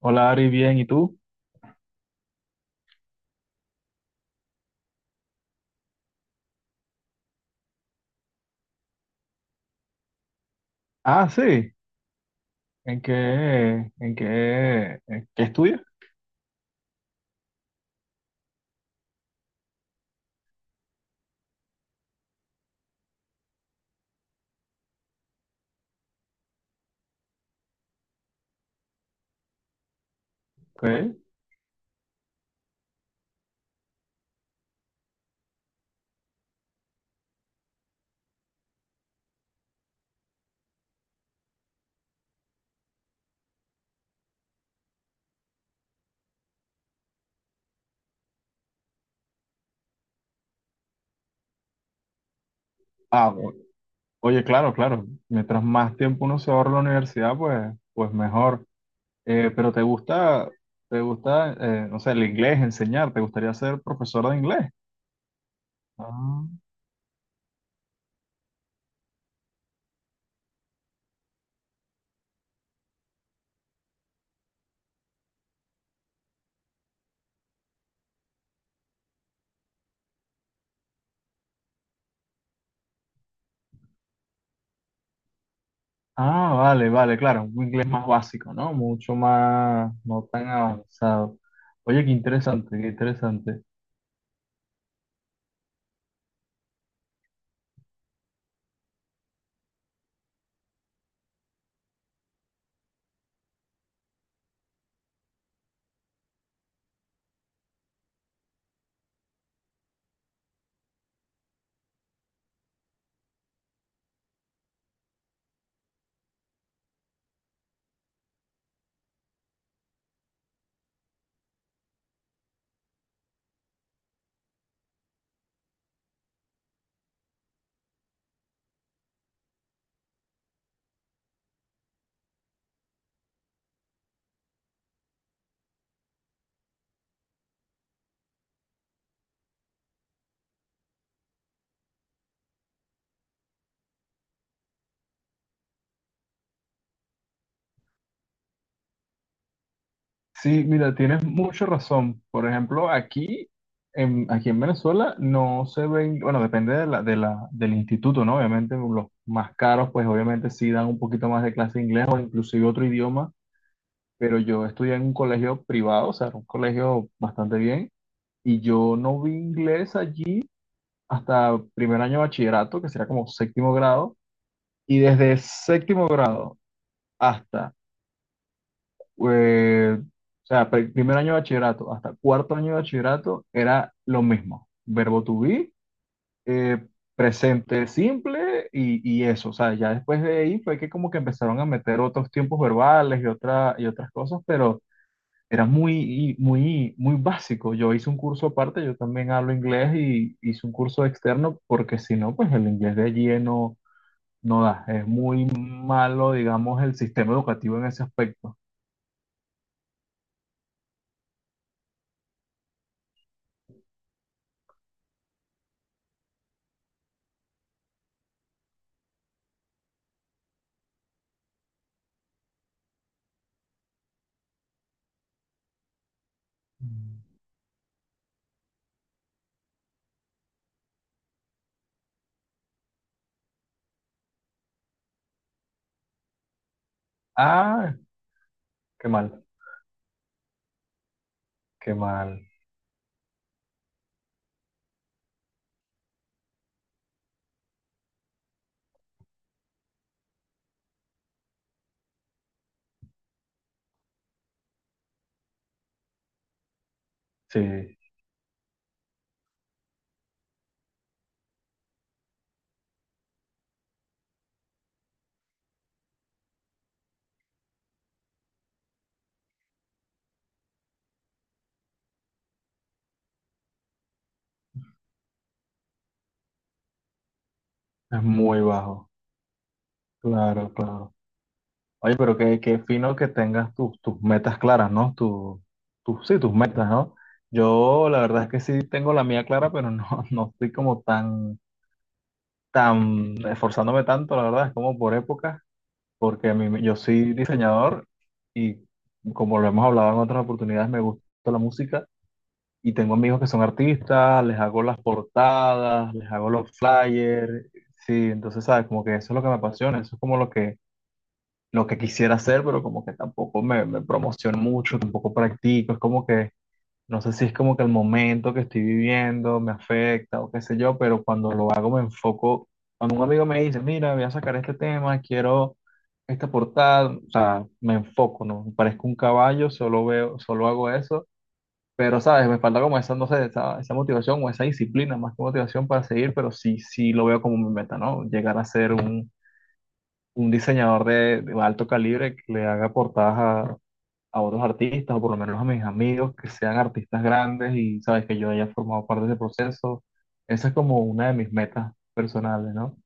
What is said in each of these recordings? Hola Ari, bien, ¿y tú? Ah, sí. ¿En qué, en qué estudias? ¿Qué? Ah, o- Oye, claro, claro. Mientras más tiempo uno se ahorra en la universidad, pues mejor. Pero te gusta, no sé, el inglés, enseñar? ¿Te gustaría ser profesor de inglés? Ah, vale, vale, claro. Un inglés más básico, ¿no? Mucho más, no tan avanzado. Oye, qué interesante, qué interesante. Sí, mira, tienes mucha razón. Por ejemplo, aquí en Venezuela no se ven, bueno, depende de la, del instituto, ¿no? Obviamente los más caros, pues obviamente sí dan un poquito más de clase de inglés o inclusive otro idioma, pero yo estudié en un colegio privado, o sea, era un colegio bastante bien, y yo no vi inglés allí hasta primer año de bachillerato, que sería como séptimo grado, y desde séptimo grado hasta o sea, primer año de bachillerato hasta cuarto año de bachillerato era lo mismo. Verbo to be, eh, presente simple y eso. O sea, ya después de ahí fue que como que empezaron a meter otros tiempos verbales y y otras cosas, pero era muy, muy, muy básico. Yo hice un curso aparte, yo también hablo inglés y hice un curso externo porque si no, pues el inglés de allí no da. Es muy malo, digamos, el sistema educativo en ese aspecto. Ah, qué mal, qué mal. Sí, es muy bajo. Claro, claro. Oye, pero qué, qué fino que tengas tus metas claras, ¿no? Sí, tus metas, ¿no? Yo la verdad es que sí tengo la mía clara, pero no, no estoy como tan, tan esforzándome tanto, la verdad, es como por épocas, porque a mí, yo soy diseñador y como lo hemos hablado en otras oportunidades, me gusta la música. Y tengo amigos que son artistas, les hago las portadas, les hago los flyers. Sí, entonces, ¿sabes? Como que eso es lo que me apasiona, eso es como lo que quisiera hacer, pero como que tampoco me promociono mucho, tampoco practico. Es como que, no sé si es como que el momento que estoy viviendo me afecta o qué sé yo, pero cuando lo hago me enfoco. Cuando un amigo me dice, mira, voy a sacar este tema, quiero esta portada, o sea, me enfoco, ¿no? Parezco un caballo, solo veo, solo hago eso pero, ¿sabes? Me falta como esa, no sé, esa motivación o esa disciplina, más que motivación para seguir, pero sí, sí lo veo como mi meta, ¿no? Llegar a ser un diseñador de alto calibre que le haga portadas a otros artistas, o por lo menos a mis amigos, que sean artistas grandes y, ¿sabes? Que yo haya formado parte de ese proceso. Esa es como una de mis metas personales, ¿no?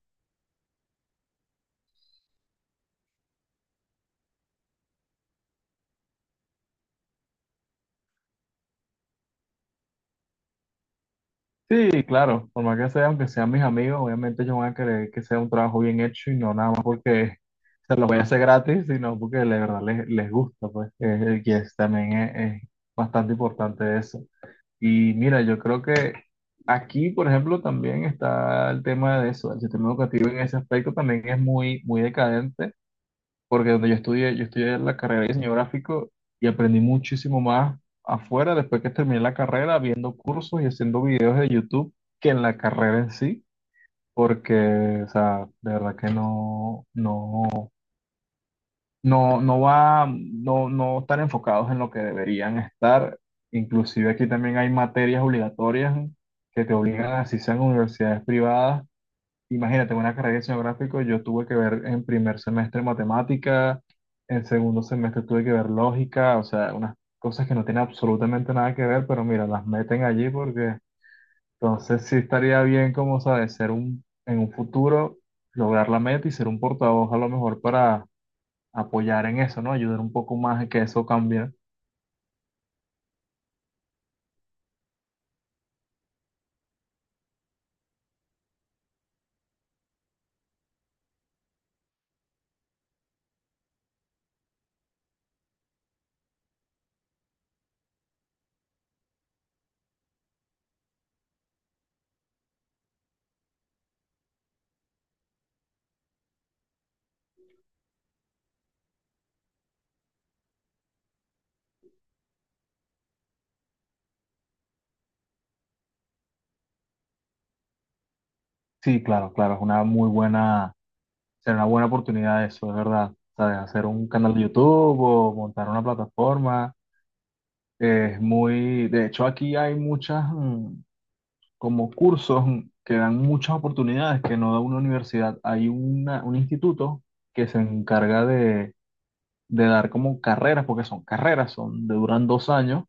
Sí, claro, por más que sea, aunque sean mis amigos, obviamente ellos van a querer que sea un trabajo bien hecho y no nada más porque se lo voy a hacer gratis, sino porque de verdad les gusta, pues, que es, también es bastante importante eso. Y mira, yo creo que aquí, por ejemplo, también está el tema de eso, el sistema educativo en ese aspecto también es muy, muy decadente porque donde yo estudié la carrera de diseño gráfico y aprendí muchísimo más afuera después que terminé la carrera, viendo cursos y haciendo videos de YouTube que en la carrera en sí, porque, o sea, de verdad que no va, no están enfocados en lo que deberían estar. Inclusive aquí también hay materias obligatorias que te obligan, así sean universidades privadas. Imagínate, una carrera de diseño gráfico, yo tuve que ver en primer semestre matemática, en segundo semestre tuve que ver lógica, o sea, unas cosas que no tienen absolutamente nada que ver, pero mira, las meten allí porque entonces sí estaría bien, como sabes, en un futuro, lograr la meta y ser un portavoz a lo mejor para apoyar en eso, ¿no? Ayudar un poco más a que eso cambie. Sí, claro, claro, es una muy buena, será una buena oportunidad eso, es verdad. O sea, hacer un canal de YouTube o montar una plataforma. Es muy, de hecho aquí hay como cursos, que dan muchas oportunidades que no da una universidad. Un instituto que se encarga de dar como carreras, porque son carreras, son de duran dos años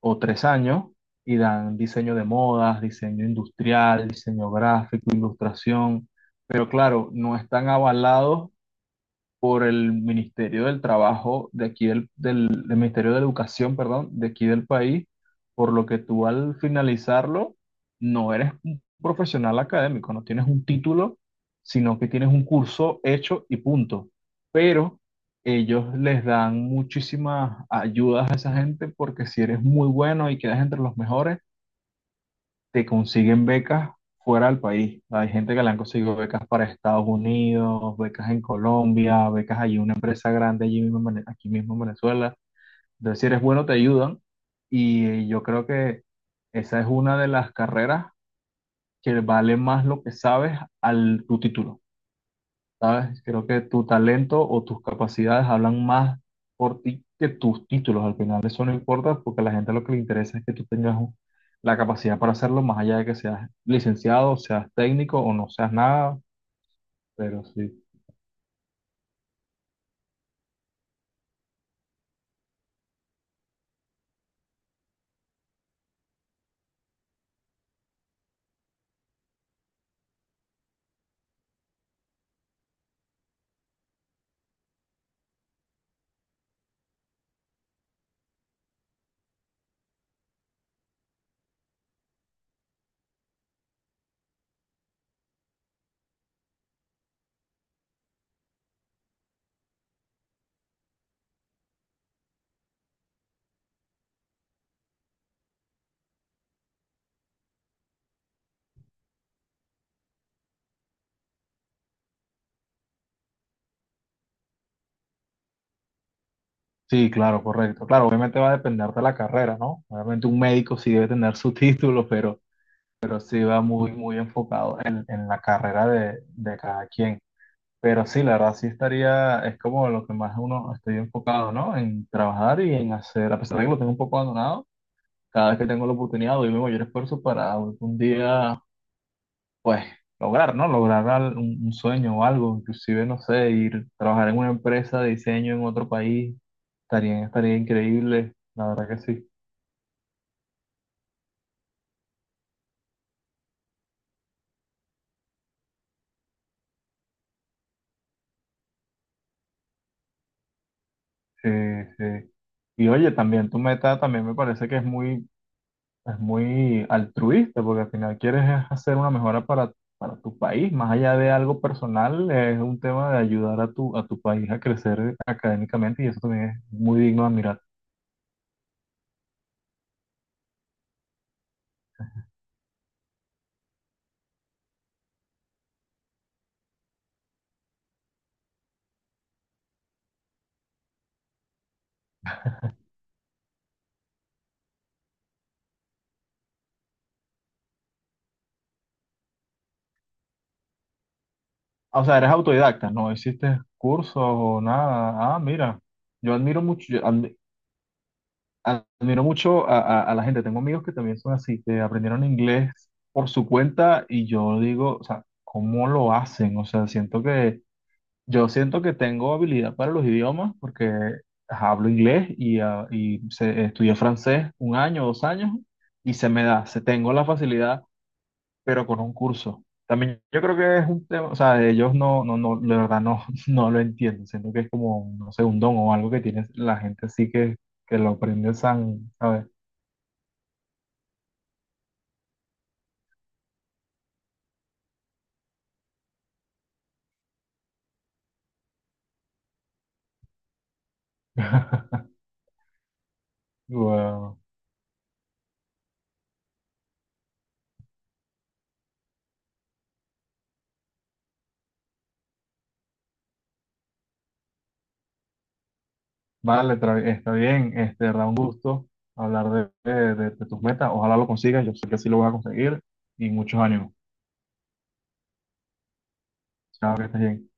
o tres años y dan diseño de modas, diseño industrial, diseño gráfico, ilustración. Pero claro, no están avalados por el Ministerio del Trabajo de aquí del Ministerio de Educación, perdón, de aquí del país, por lo que tú al finalizarlo no eres un profesional académico, no tienes un título, sino que tienes un curso hecho y punto. Pero ellos les dan muchísimas ayudas a esa gente porque si eres muy bueno y quedas entre los mejores, te consiguen becas fuera del país. Hay gente que le han conseguido becas para Estados Unidos, becas en Colombia, becas allí, en una empresa grande allí mismo, en aquí mismo en Venezuela. Entonces, si eres bueno, te ayudan. Y yo creo que esa es una de las carreras que vale más lo que sabes al tu título. ¿Sabes? Creo que tu talento o tus capacidades hablan más por ti que tus títulos. Al final eso no importa porque a la gente lo que le interesa es que la capacidad para hacerlo, más allá de que seas licenciado, seas técnico o no seas nada, pero sí. Sí, claro, correcto. Claro, obviamente va a depender de la carrera, ¿no? Obviamente un médico sí debe tener su título, pero sí va muy, muy enfocado en la carrera de cada quien. Pero sí, la verdad sí estaría, es como lo que más uno estoy enfocado, ¿no? En trabajar y en hacer, a pesar de que lo tengo un poco abandonado, cada vez que tengo la oportunidad doy mi mayor esfuerzo para algún día, pues, lograr, ¿no? Lograr un sueño o algo, inclusive, no sé, ir a trabajar en una empresa de diseño en otro país, estaría, estaría increíble, la verdad que sí. Sí, sí. Y oye, también tu meta también me parece que es muy. Es muy altruista porque al final quieres es hacer una mejora para tu país. Más allá de algo personal, es un tema de ayudar a a tu país a crecer académicamente y eso también es muy digno de admirar. Ah, o sea, eres autodidacta, no hiciste cursos o nada. Ah, mira, yo admiro mucho, yo admi- admiro mucho a, a la gente. Tengo amigos que también son así, que aprendieron inglés por su cuenta y yo digo, o sea, ¿cómo lo hacen? O sea, siento que. Yo siento que tengo habilidad para los idiomas porque hablo inglés y, ah, estudié francés un año, dos años y se me da, se tengo la facilidad, pero con un curso. También yo creo que es un tema, o sea, ellos no, la verdad no, no lo entiendo. Siento que es como, no sé, un don o algo que tiene la gente así que lo aprende san, ¿sabes? Wow. Vale, está bien. Este, da un gusto hablar de tus metas. Ojalá lo consigas. Yo sé que sí lo vas a conseguir y muchos años. Chao, que estés bien.